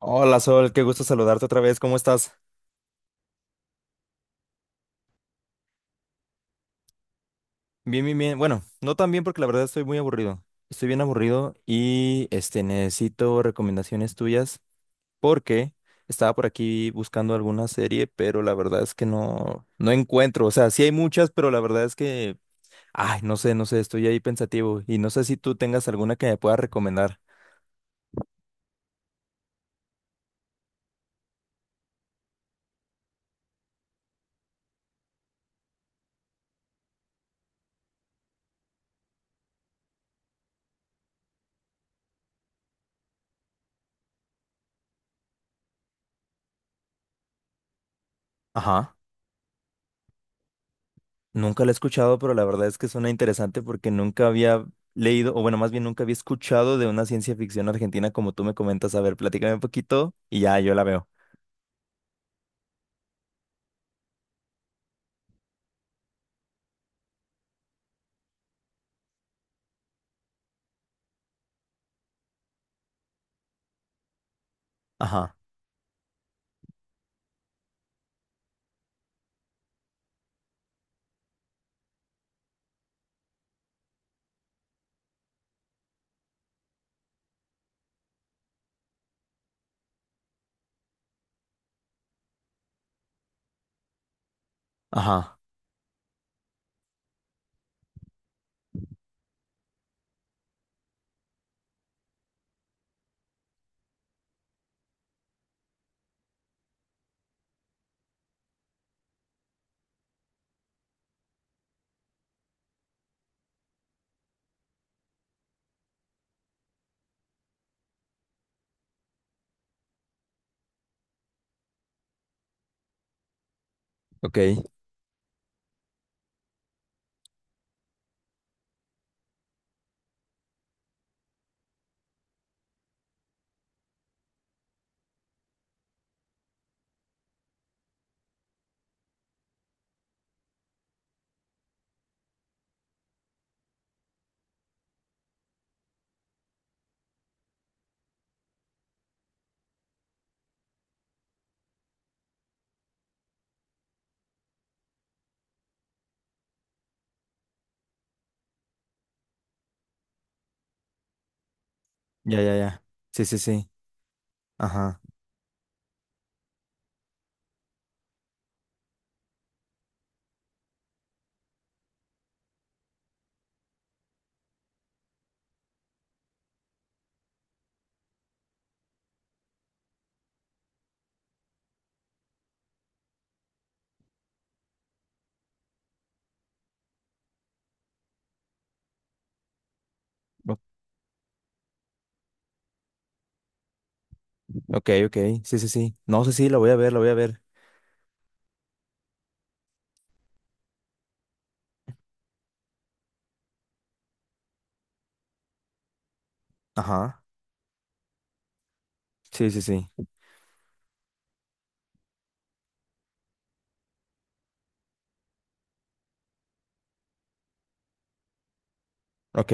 Hola Sol, qué gusto saludarte otra vez, ¿cómo estás? Bien, bien, bien. Bueno, no tan bien porque la verdad estoy muy aburrido. Estoy bien aburrido y este necesito recomendaciones tuyas porque estaba por aquí buscando alguna serie, pero la verdad es que no encuentro, o sea, sí hay muchas, pero la verdad es que ay, no sé, no sé, estoy ahí pensativo y no sé si tú tengas alguna que me puedas recomendar. Ajá. Nunca la he escuchado, pero la verdad es que suena interesante porque nunca había leído, o bueno, más bien nunca había escuchado de una ciencia ficción argentina como tú me comentas. A ver, platícame un poquito y ya yo la veo. Ajá, ajá, ok, ya, ya, ya. Sí, sí, sí, ajá. o- Ok, ok, sí, sí, sí. No, sí, sí, la voy a ver, la voy a ver. Ajá, sí, sí, sí. Ok,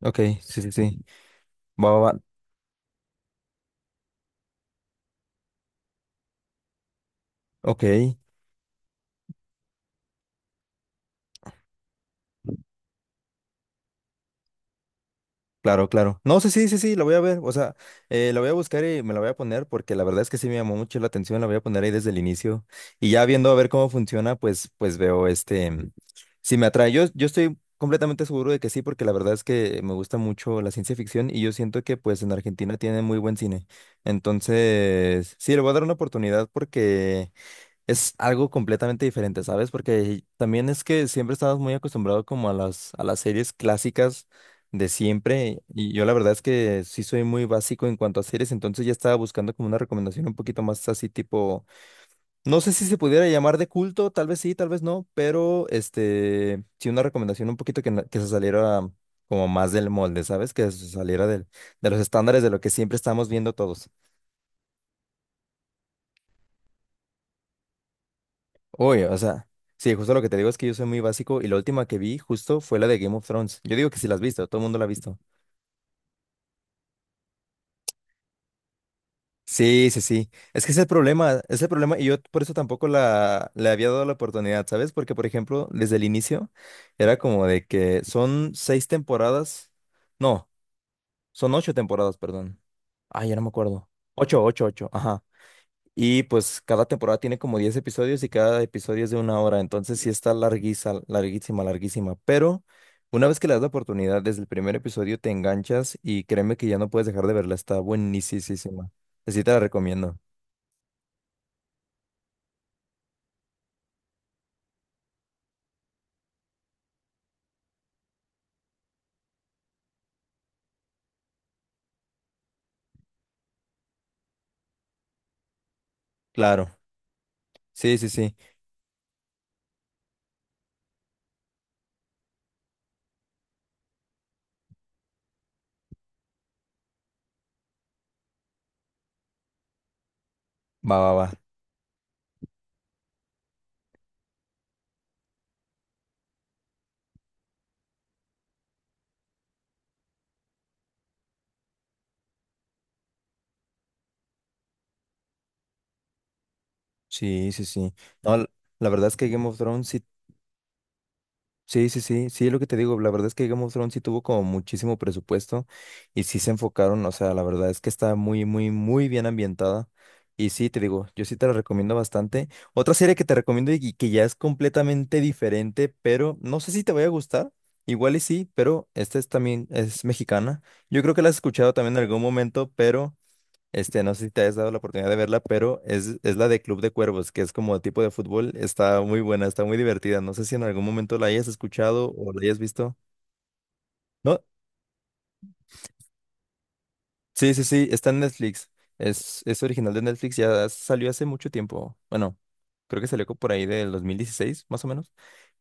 ok, sí, sí, sí. Va, va, va. Ok. Claro, claro. No, sí, sí, sí, sí, la voy a ver. O sea, la voy a buscar y me la voy a poner porque la verdad es que sí me llamó mucho la atención. La voy a poner ahí desde el inicio. Y ya viendo a ver cómo funciona, pues, pues veo este, si me atrae. Yo estoy completamente seguro de que sí, porque la verdad es que me gusta mucho la ciencia ficción y yo siento que pues en Argentina tiene muy buen cine. Entonces, sí, le voy a dar una oportunidad porque es algo completamente diferente, ¿sabes? Porque también es que siempre estabas muy acostumbrado como a las series clásicas de siempre. Y yo la verdad es que sí soy muy básico en cuanto a series, entonces ya estaba buscando como una recomendación un poquito más así tipo, no sé si se pudiera llamar de culto, tal vez sí, tal vez no, pero este, sí una recomendación un poquito que, que se saliera como más del molde, ¿sabes? Que se saliera del, de los estándares de lo que siempre estamos viendo todos. Oye, o sea, sí, justo lo que te digo es que yo soy muy básico y la última que vi justo fue la de Game of Thrones. Yo digo que sí la has visto, todo el mundo la ha visto. Sí, sí, sí. Es que ese es el problema y yo por eso tampoco le había dado la oportunidad, ¿sabes? Porque, por ejemplo, desde el inicio era como de que son seis temporadas, no, son ocho temporadas, perdón. Ay, ya no me acuerdo. Ocho, ocho, ocho, ajá. Y pues cada temporada tiene como 10 episodios y cada episodio es de una hora, entonces sí está larguísima, larguísima, larguísima. Pero una vez que le das la oportunidad, desde el primer episodio te enganchas y créeme que ya no puedes dejar de verla, está buenísima. Así te la recomiendo. Claro, sí, sí, sí. Va, va, va. Sí, sí, sí. No, la verdad es que Game of Thrones sí. Sí, sí, sí, sí, es lo que te digo, la verdad es que Game of Thrones sí tuvo como muchísimo presupuesto y sí se enfocaron, o sea, la verdad es que está muy, muy, muy bien ambientada y sí, te digo, yo sí te la recomiendo bastante. Otra serie que te recomiendo y que ya es completamente diferente, pero no sé si te vaya a gustar, igual y sí, pero esta es también, es mexicana. Yo creo que la has escuchado también en algún momento, pero este, no sé si te has dado la oportunidad de verla, pero es la de Club de Cuervos, que es como tipo de fútbol. Está muy buena, está muy divertida. No sé si en algún momento la hayas escuchado o la hayas visto. No, sí, sí, sí, está en Netflix. Es original de Netflix, ya salió hace mucho tiempo. Bueno, creo que salió por ahí del 2016 más o menos.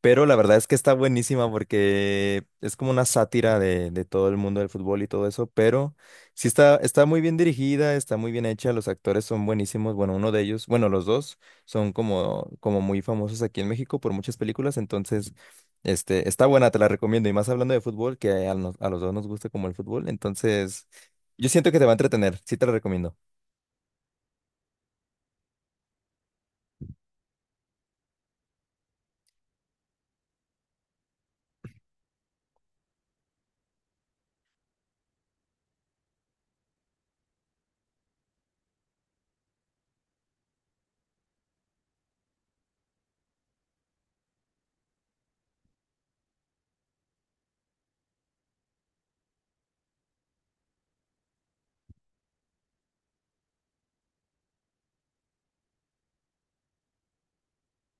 Pero la verdad es que está buenísima porque es como una sátira de todo el mundo del fútbol y todo eso, pero sí está, está muy bien dirigida, está muy bien hecha, los actores son buenísimos. Bueno, uno de ellos, bueno, los dos son como, como muy famosos aquí en México por muchas películas, entonces este, está buena, te la recomiendo. Y más hablando de fútbol, que a, a los dos nos gusta como el fútbol, entonces... Yo siento que te va a entretener, sí te lo recomiendo.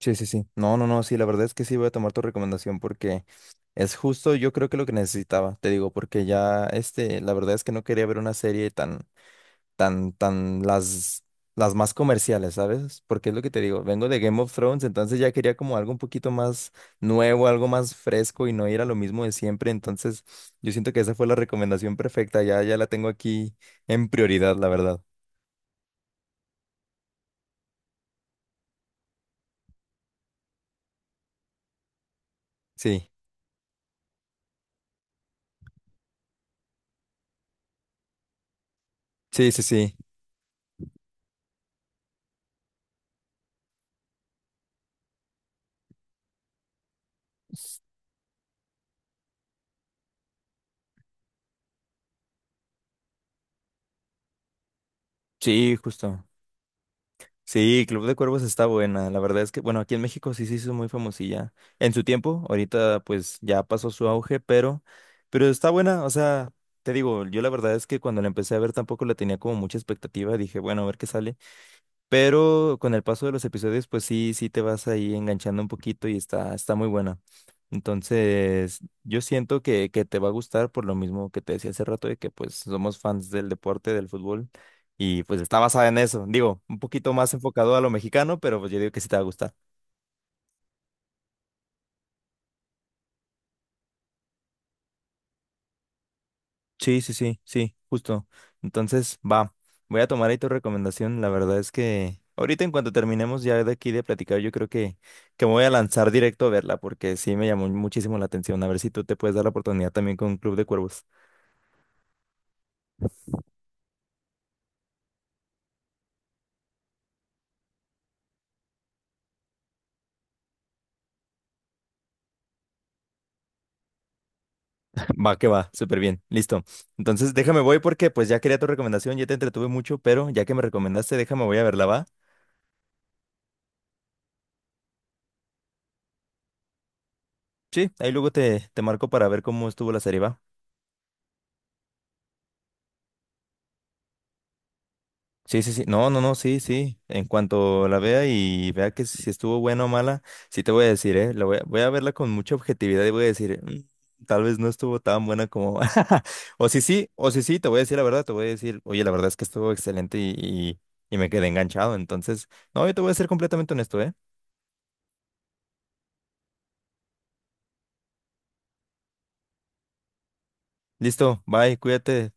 Sí, sí, sí. No, no, no, sí, la verdad es que sí voy a tomar tu recomendación porque es justo, yo creo que lo que necesitaba, te digo, porque ya, este, la verdad es que no quería ver una serie tan, tan, tan, las más comerciales, ¿sabes? Porque es lo que te digo, vengo de Game of Thrones, entonces ya quería como algo un poquito más nuevo, algo más fresco y no ir a lo mismo de siempre, entonces yo siento que esa fue la recomendación perfecta, ya, ya la tengo aquí en prioridad, la verdad. Sí, sí, sí, sí. Sí, justo. Sí, Club de Cuervos está buena. La verdad es que, bueno, aquí en México sí se hizo muy famosilla. En su tiempo, ahorita pues ya pasó su auge, pero está buena. O sea, te digo, yo la verdad es que cuando la empecé a ver tampoco la tenía como mucha expectativa. Dije, bueno, a ver qué sale. Pero con el paso de los episodios, pues sí, sí te vas ahí enganchando un poquito y está, está muy buena. Entonces, yo siento que te va a gustar por lo mismo que te decía hace rato de que pues somos fans del deporte, del fútbol, y pues está basada en eso. Digo, un poquito más enfocado a lo mexicano, pero pues yo digo que sí te va a gustar. Sí, sí, sí, sí, justo. Entonces, va, voy a tomar ahí tu recomendación. La verdad es que ahorita en cuanto terminemos ya de aquí de platicar, yo creo que me voy a lanzar directo a verla porque sí me llamó muchísimo la atención. A ver si tú te puedes dar la oportunidad también con Club de Cuervos. Va, que va, súper bien, listo. Entonces, déjame voy porque pues ya quería tu recomendación, ya te entretuve mucho, pero ya que me recomendaste, déjame voy a verla, ¿va? Sí, ahí luego te marco para ver cómo estuvo la serie, ¿va? Sí, sí, sí. No, no, no, sí, sí. En cuanto la vea y vea que si estuvo buena o mala, sí te voy a decir, ¿eh? La voy a, voy a verla con mucha objetividad y voy a decir, "Mm, tal vez no estuvo tan buena como... o si sí, te voy a decir la verdad, te voy a decir, oye, la verdad es que estuvo excelente y me quedé enganchado. Entonces, no, yo te voy a ser completamente honesto, ¿eh? Listo, bye, cuídate.